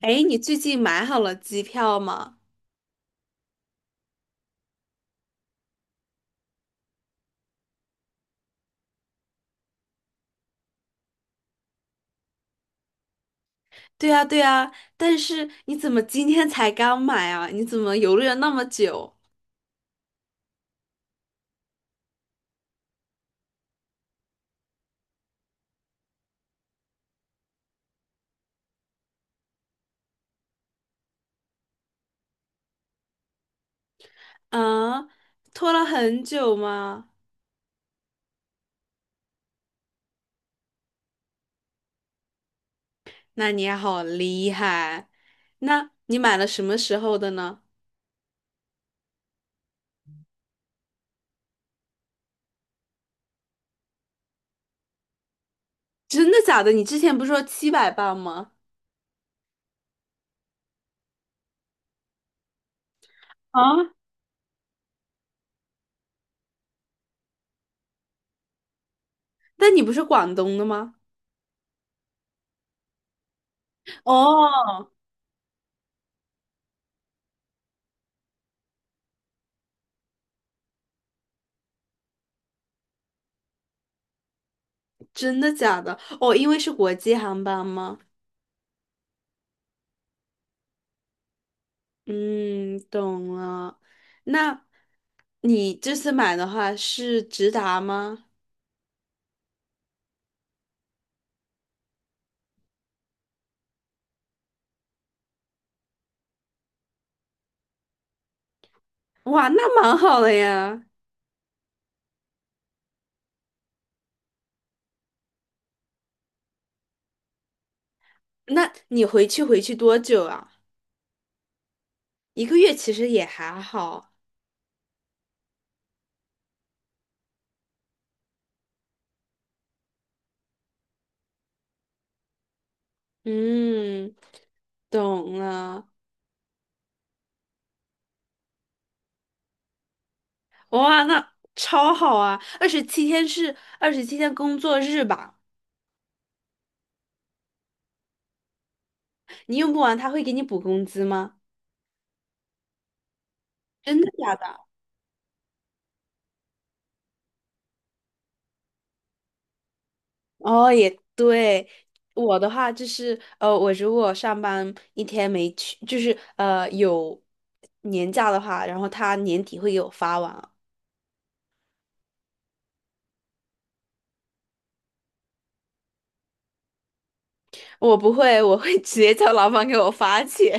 哎，你最近买好了机票吗？对呀，对呀，但是你怎么今天才刚买啊？你怎么犹豫了那么久？啊，拖了很久吗？那你好厉害！那你买了什么时候的呢？真的假的？你之前不是说700磅吗？啊，但你不是广东的吗？哦，真的假的？哦，因为是国际航班吗？嗯，懂了。那你这次买的话是直达吗？哇，那蛮好的呀。那你回去多久啊？一个月其实也还好。嗯，懂了。哇，那超好啊！二十七天是二十七天工作日吧？你用不完他会给你补工资吗？真的假的？哦，也对。我的话就是，我如果上班一天没去，就是有年假的话，然后他年底会给我发完啊。我不会，我会 直接叫老板给我发钱。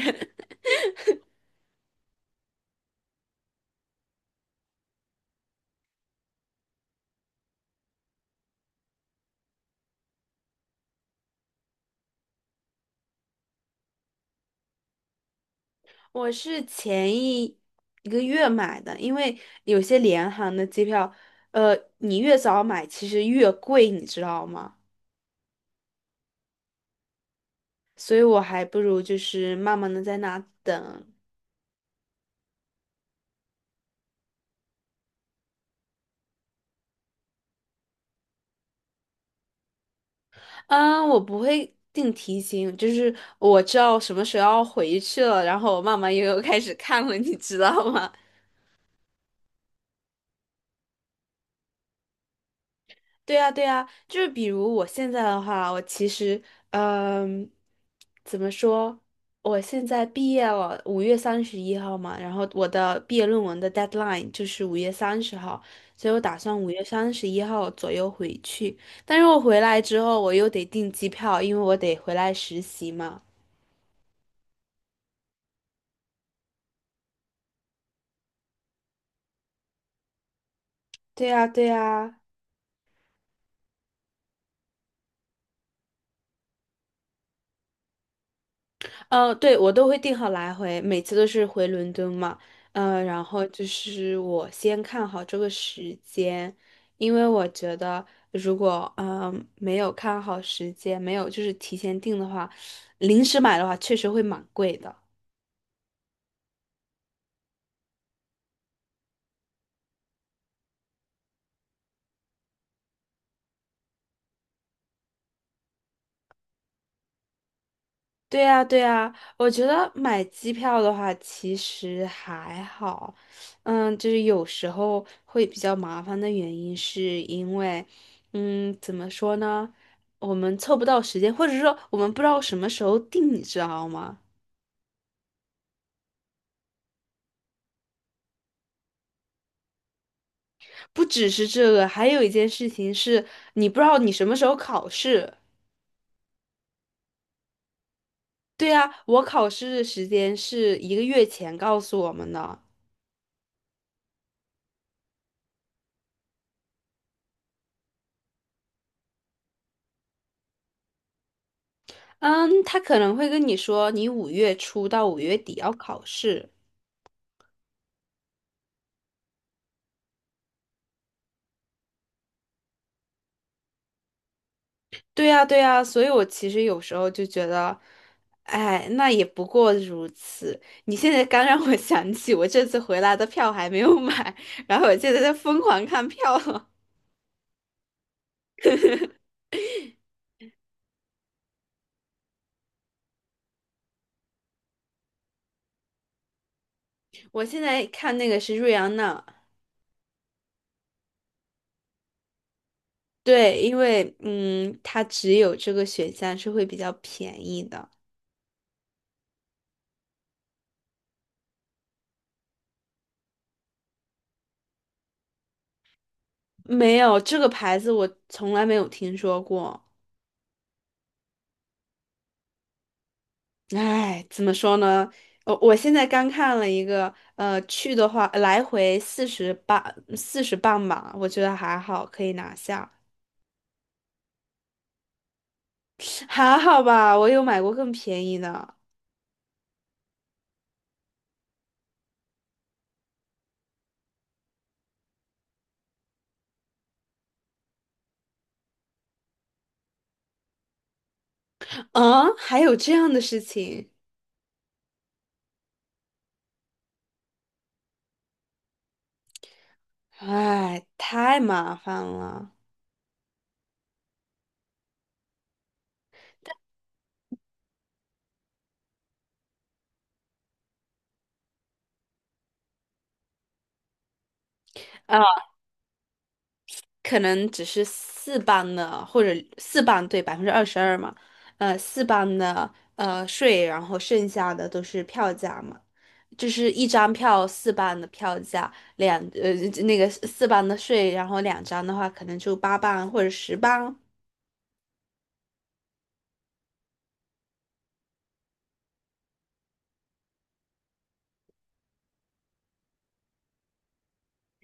我是前一个月买的，因为有些联航的机票，你越早买其实越贵，你知道吗？所以我还不如就是慢慢的在那等。嗯，我不会定提醒，就是我知道什么时候要回去了，然后我慢慢悠悠开始看了，你知道吗？对啊，对啊，就是比如我现在的话，我其实，嗯，怎么说？我现在毕业了，五月三十一号嘛，然后我的毕业论文的 deadline 就是5月30号，所以我打算五月三十一号左右回去。但是我回来之后，我又得订机票，因为我得回来实习嘛。对呀，对呀。对，我都会定好来回，每次都是回伦敦嘛。嗯，然后就是我先看好这个时间，因为我觉得如果没有看好时间，没有就是提前定的话，临时买的话确实会蛮贵的。对呀，对呀，我觉得买机票的话其实还好，嗯，就是有时候会比较麻烦的原因是因为，嗯，怎么说呢，我们凑不到时间，或者说我们不知道什么时候定，你知道吗？不只是这个，还有一件事情是你不知道你什么时候考试。对呀，我考试的时间是一个月前告诉我们的，嗯，他可能会跟你说你五月初到五月底要考试。对呀，对呀，所以我其实有时候就觉得，哎，那也不过如此。你现在刚让我想起，我这次回来的票还没有买，然后我现在在疯狂看票了。我现在看那个是瑞安娜，对，因为它只有这个选项是会比较便宜的。没有，这个牌子我从来没有听说过。哎，怎么说呢？我现在刚看了一个，去的话来回四十磅，四十磅吧，我觉得还好，可以拿下，还好吧。我有买过更便宜的，嗯，还有这样的事情，哎，太麻烦了。啊，可能只是四磅的，或者四磅对22%嘛，四磅的税，然后剩下的都是票价嘛。就是一张票四磅的票价，两呃那个四磅的税，然后两张的话可能就8磅或者十磅。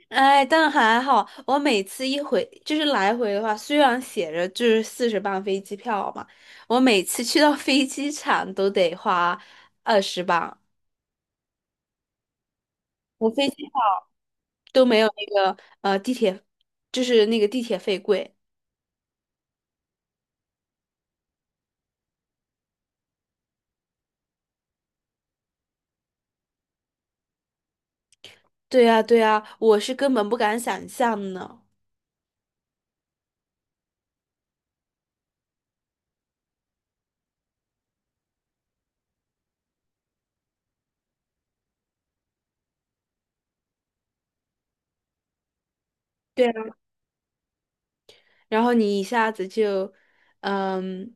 哎，但还好，我每次一回就是来回的话，虽然写着就是四十磅飞机票嘛，我每次去到飞机场都得花20磅，我飞机票都没有那个地铁，就是那个地铁费贵。对呀，对呀，我是根本不敢想象呢。对啊，然后你一下子就，嗯。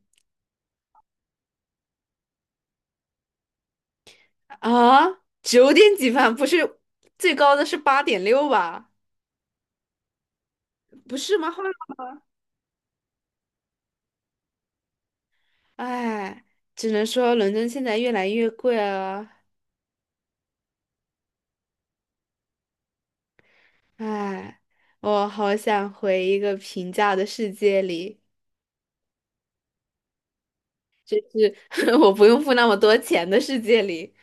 啊，九点几万不是最高的是8.6吧？不是吗？后来，哎，只能说伦敦现在越来越贵了。哎，我好想回一个平价的世界里，我不用付那么多钱的世界里。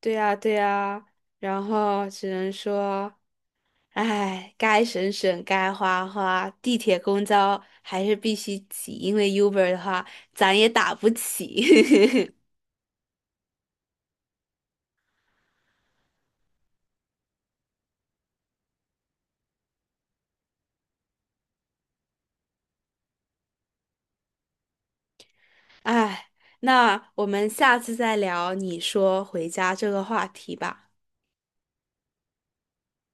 对呀，对呀，然后只能说，哎，该省省，该花花，地铁、公交还是必须挤，因为 Uber 的话，咱也打不起。哎，那我们下次再聊你说回家这个话题吧。